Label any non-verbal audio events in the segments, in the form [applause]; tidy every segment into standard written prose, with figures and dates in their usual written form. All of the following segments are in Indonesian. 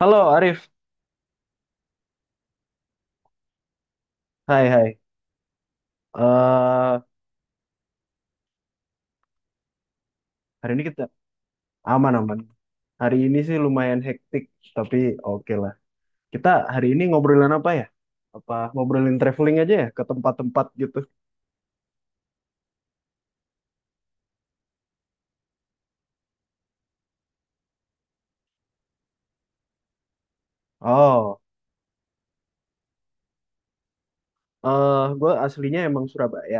Halo Arif, hai hai. Eh Hari ini kita aman-aman. Hari ini sih lumayan hektik, tapi oke lah. Kita hari ini ngobrolin apa ya? Apa ngobrolin traveling aja ya ke tempat-tempat gitu? Oh, gue aslinya emang Surabaya.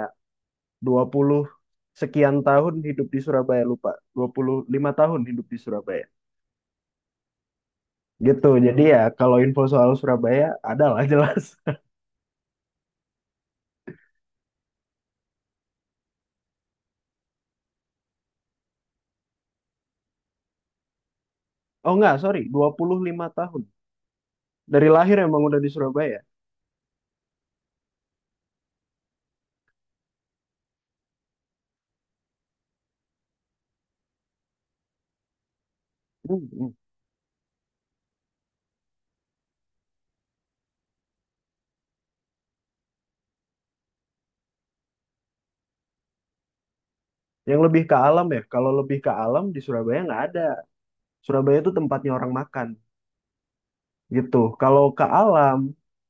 20 sekian tahun hidup di Surabaya, lupa. 25 tahun hidup di Surabaya. Gitu, jadi ya kalau info soal Surabaya ada lah jelas. [laughs] Oh enggak, sorry, dua puluh lima tahun. Dari lahir emang udah di Surabaya. Hmm. Yang lebih ke alam ya, kalau lebih ke alam di Surabaya nggak ada. Surabaya itu tempatnya orang makan gitu. Kalau ke alam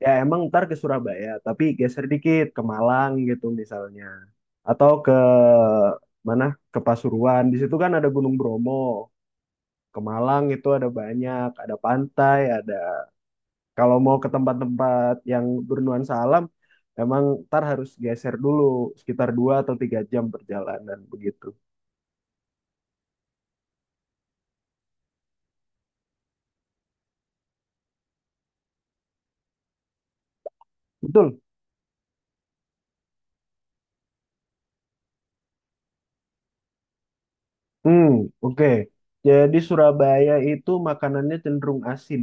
ya emang ntar ke Surabaya, tapi geser dikit ke Malang gitu misalnya, atau mana ke Pasuruan. Di situ kan ada Gunung Bromo. Ke Malang itu ada banyak, ada pantai, ada. Kalau mau ke tempat-tempat yang bernuansa alam, emang ntar harus geser dulu sekitar 2 atau 3 jam perjalanan begitu. Betul. Hmm, oke. Jadi Surabaya itu makanannya cenderung asin.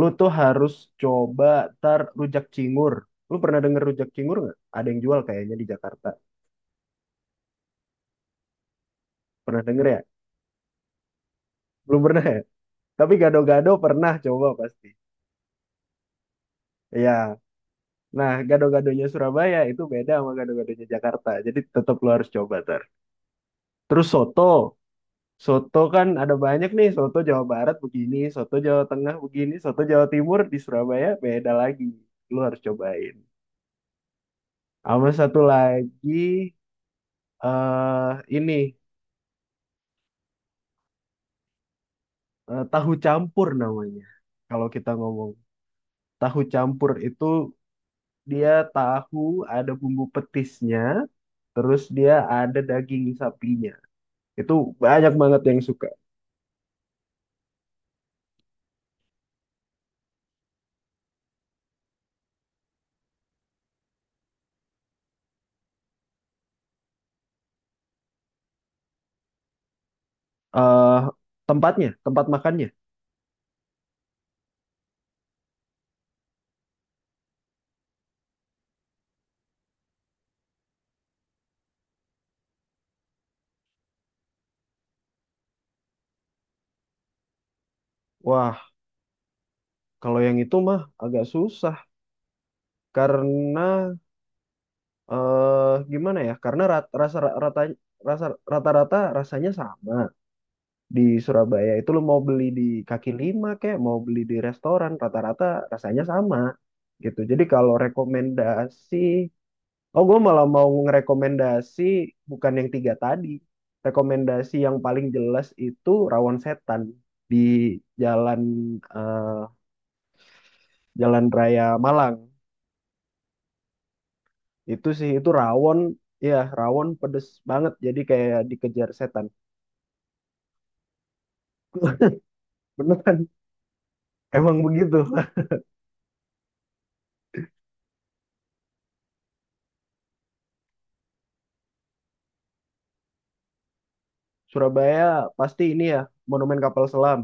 Lu tuh harus coba tar rujak cingur. Lu pernah denger rujak cingur nggak? Ada yang jual kayaknya di Jakarta. Pernah denger ya? Belum pernah ya? Tapi gado-gado pernah coba pasti. Iya. Nah, gado-gadonya Surabaya itu beda sama gado-gadonya Jakarta. Jadi tetap lu harus coba tar. Terus soto. Soto kan ada banyak nih. Soto Jawa Barat begini, soto Jawa Tengah begini, soto Jawa Timur di Surabaya beda lagi. Lu harus cobain. Sama satu lagi, eh ini tahu campur namanya. Kalau kita ngomong tahu campur itu dia tahu ada bumbu petisnya, terus dia ada daging sapinya. Itu banyak banget yang suka. eh tempatnya, tempat makannya. Wah, kalau yang itu mah agak susah karena gimana ya? Karena rata rasa rata-rata rasanya sama. Di Surabaya itu lo mau beli di kaki lima kayak mau beli di restoran rata-rata rasanya sama gitu. Jadi kalau rekomendasi, oh gue malah mau ngerekomendasi bukan yang tiga tadi. Rekomendasi yang paling jelas itu Rawon Setan di jalan eh, Jalan Raya Malang. Itu sih itu rawon, ya rawon pedes banget. Jadi kayak dikejar setan. Beneran, [laughs] emang begitu. Surabaya pasti ini ya, Monumen Kapal Selam.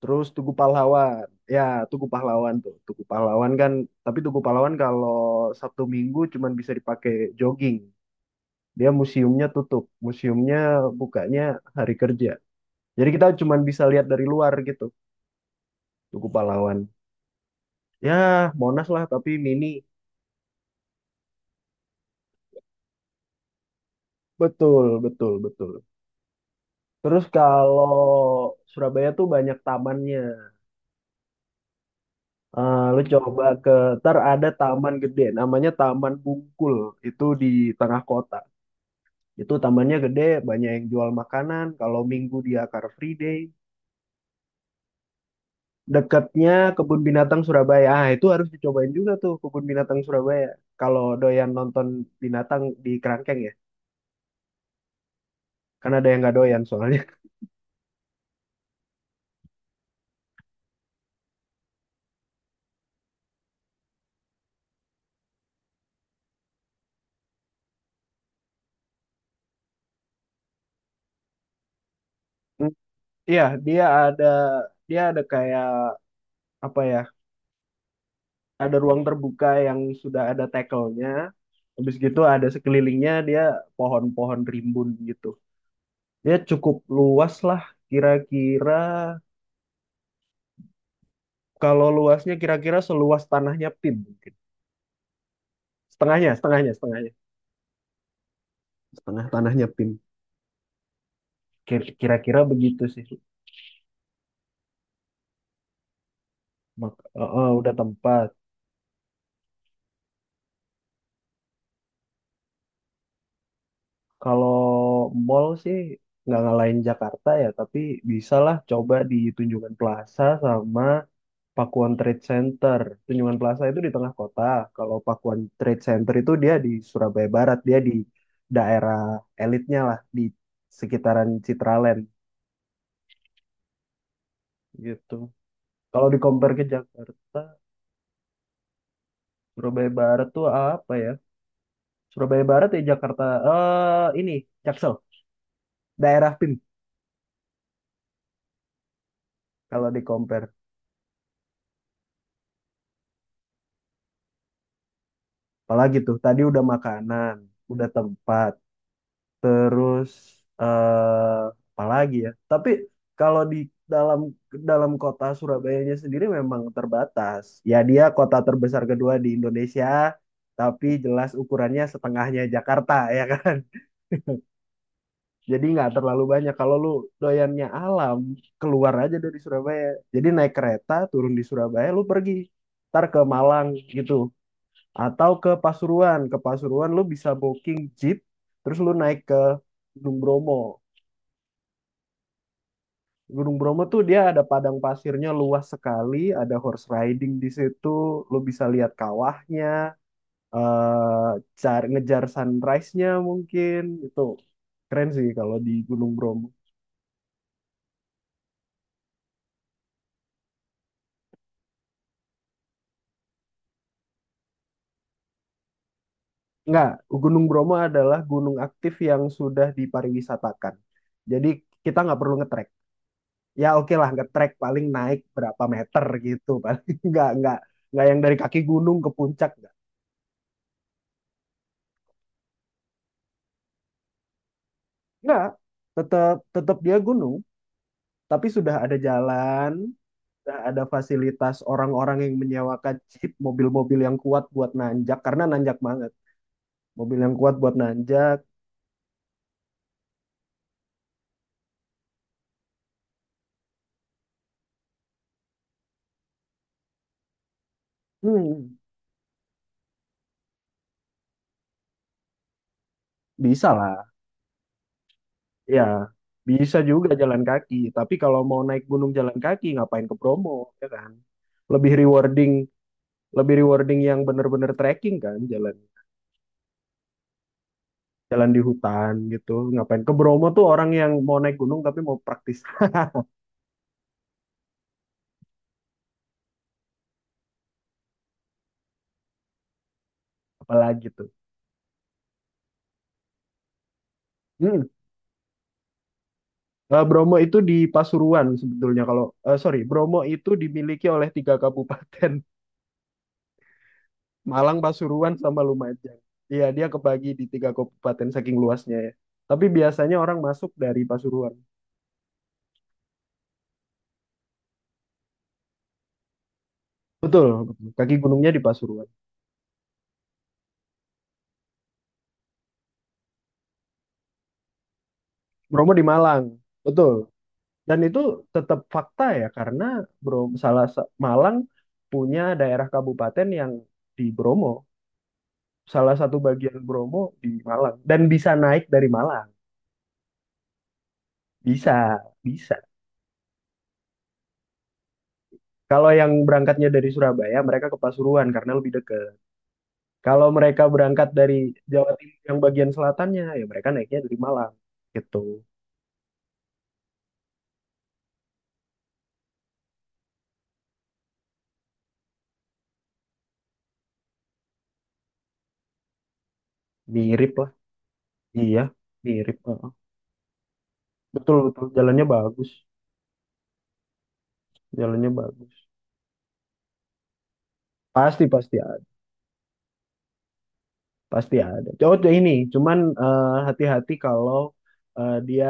Terus Tugu Pahlawan. Ya, Tugu Pahlawan tuh. Tugu Pahlawan kan, tapi Tugu Pahlawan kalau Sabtu Minggu cuman bisa dipakai jogging. Dia museumnya tutup. Museumnya bukanya hari kerja. Jadi kita cuman bisa lihat dari luar gitu, Tugu Pahlawan. Ya, Monas lah tapi mini. Betul, betul, betul. Terus kalau Surabaya tuh banyak tamannya. Lu coba ntar ada taman gede namanya Taman Bungkul, itu di tengah kota. Itu tamannya gede, banyak yang jual makanan. Kalau Minggu dia Car Free Day. Dekatnya Kebun Binatang Surabaya. Ah, itu harus dicobain juga tuh Kebun Binatang Surabaya. Kalau doyan nonton binatang di kerangkeng ya. Karena ada yang nggak doyan soalnya. [laughs] Hmm, iya, dia ada kayak apa ya? Ada ruang terbuka yang sudah ada tackle-nya. Habis gitu ada sekelilingnya dia pohon-pohon rimbun gitu. Dia cukup luas lah. kira-kira Kalau luasnya kira-kira seluas tanahnya PIN mungkin. Setengahnya, setengahnya, setengahnya. Setengah tanahnya PIN. Kira-kira begitu sih. Udah tempat. Kalau mall sih nggak ngalahin Jakarta ya, tapi bisalah coba di Tunjungan Plaza sama Pakuan Trade Center. Tunjungan Plaza itu di tengah kota. Kalau Pakuan Trade Center itu dia di Surabaya Barat, dia di daerah elitnya lah, di sekitaran Citraland gitu. Kalau di compare ke Jakarta, Surabaya Barat tuh apa ya? Surabaya Barat ya Jakarta. Ini Jaksel, daerah PIM kalau di compare. Apalagi tuh tadi udah makanan, udah tempat, terus eh apalagi ya. Tapi kalau di dalam dalam kota Surabayanya sendiri memang terbatas. Ya dia kota terbesar kedua di Indonesia, tapi jelas ukurannya setengahnya Jakarta ya kan. Jadi nggak terlalu banyak. Kalau lu doyannya alam, keluar aja dari Surabaya. Jadi naik kereta, turun di Surabaya, lu pergi. Ntar ke Malang gitu. Atau ke Pasuruan. Ke Pasuruan lu bisa booking jeep, terus lu naik ke Gunung Bromo. Gunung Bromo tuh dia ada padang pasirnya luas sekali, ada horse riding di situ, lu bisa lihat kawahnya, eh ngejar sunrise-nya mungkin. Itu keren sih kalau di Gunung Bromo. Enggak, Gunung Bromo adalah gunung aktif yang sudah dipariwisatakan. Jadi kita nggak perlu ngetrek. Ya oke lah ngetrek paling naik berapa meter gitu. [laughs] Paling nggak yang dari kaki gunung ke puncak nggak. Nggak, tetap tetap dia gunung, tapi sudah ada jalan, sudah ada fasilitas orang-orang yang menyewakan [laughs] jeep, mobil-mobil yang kuat buat nanjak karena nanjak banget. Mobil yang kuat buat nanjak, hmm, bisa lah. Ya, bisa juga jalan kaki. Tapi kalau mau naik gunung jalan kaki, ngapain ke Bromo, ya kan? Lebih rewarding, lebih rewarding yang bener-bener trekking kan, jalan jalan di hutan gitu. Ngapain ke Bromo tuh orang yang mau naik gunung tapi mau praktis apalagi tuh. Hmm. Bromo itu di Pasuruan sebetulnya. Kalau sorry, Bromo itu dimiliki oleh tiga kabupaten, [laughs] Malang, Pasuruan, sama Lumajang. Iya, dia kebagi di tiga kabupaten saking luasnya ya. Tapi biasanya orang masuk dari Pasuruan. Betul, kaki gunungnya di Pasuruan. Bromo di Malang. Betul. Dan itu tetap fakta ya karena Bro Malang punya daerah kabupaten yang di Bromo. Salah satu bagian Bromo di Malang dan bisa naik dari Malang. Bisa, bisa. Kalau yang berangkatnya dari Surabaya, mereka ke Pasuruan karena lebih dekat. Kalau mereka berangkat dari Jawa Timur yang bagian selatannya, ya mereka naiknya dari Malang. Gitu. Mirip lah. Iya, mirip. Heeh. Betul, betul. Jalannya bagus. Jalannya bagus. Pasti pasti ada, pasti ada. Oh, ini, cuman hati-hati kalau dia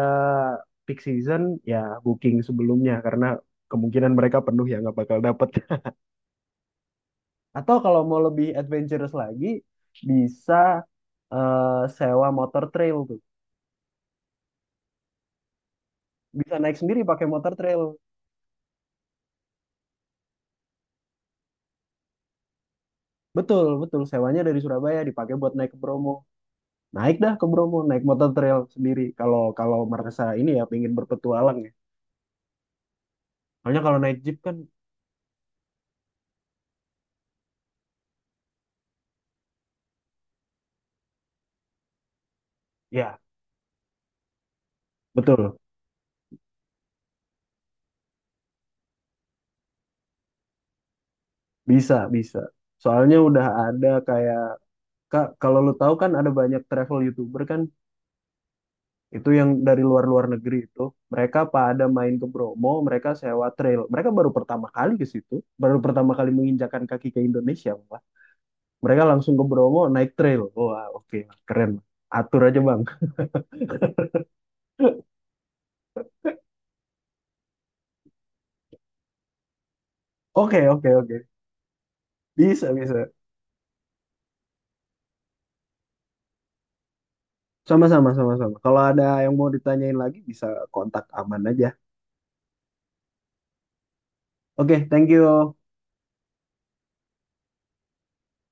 peak season ya booking sebelumnya karena kemungkinan mereka penuh ya nggak bakal dapet. [laughs] Atau kalau mau lebih adventurous lagi bisa eh, sewa motor trail tuh. Bisa naik sendiri pakai motor trail. Betul, betul. Sewanya dari Surabaya dipakai buat naik ke Bromo. Naik dah ke Bromo, naik motor trail sendiri. Kalau kalau merasa ini ya pengen berpetualang ya. Soalnya kalau naik jeep kan, ya. Betul, bisa, bisa. Soalnya udah ada kayak, Kak, kalau lu tahu kan ada banyak travel YouTuber kan, itu yang dari luar-luar negeri itu, mereka pada main ke Bromo, mereka sewa trail. Mereka baru pertama kali ke situ, baru pertama kali menginjakan kaki ke Indonesia, Pak. Mereka langsung ke Bromo naik trail. Wah, oke, keren. Atur aja, Bang. Oke, oke, oke. Bisa, bisa. Sama-sama, sama-sama. Kalau ada yang mau ditanyain lagi, bisa kontak aman aja. Oke, thank you.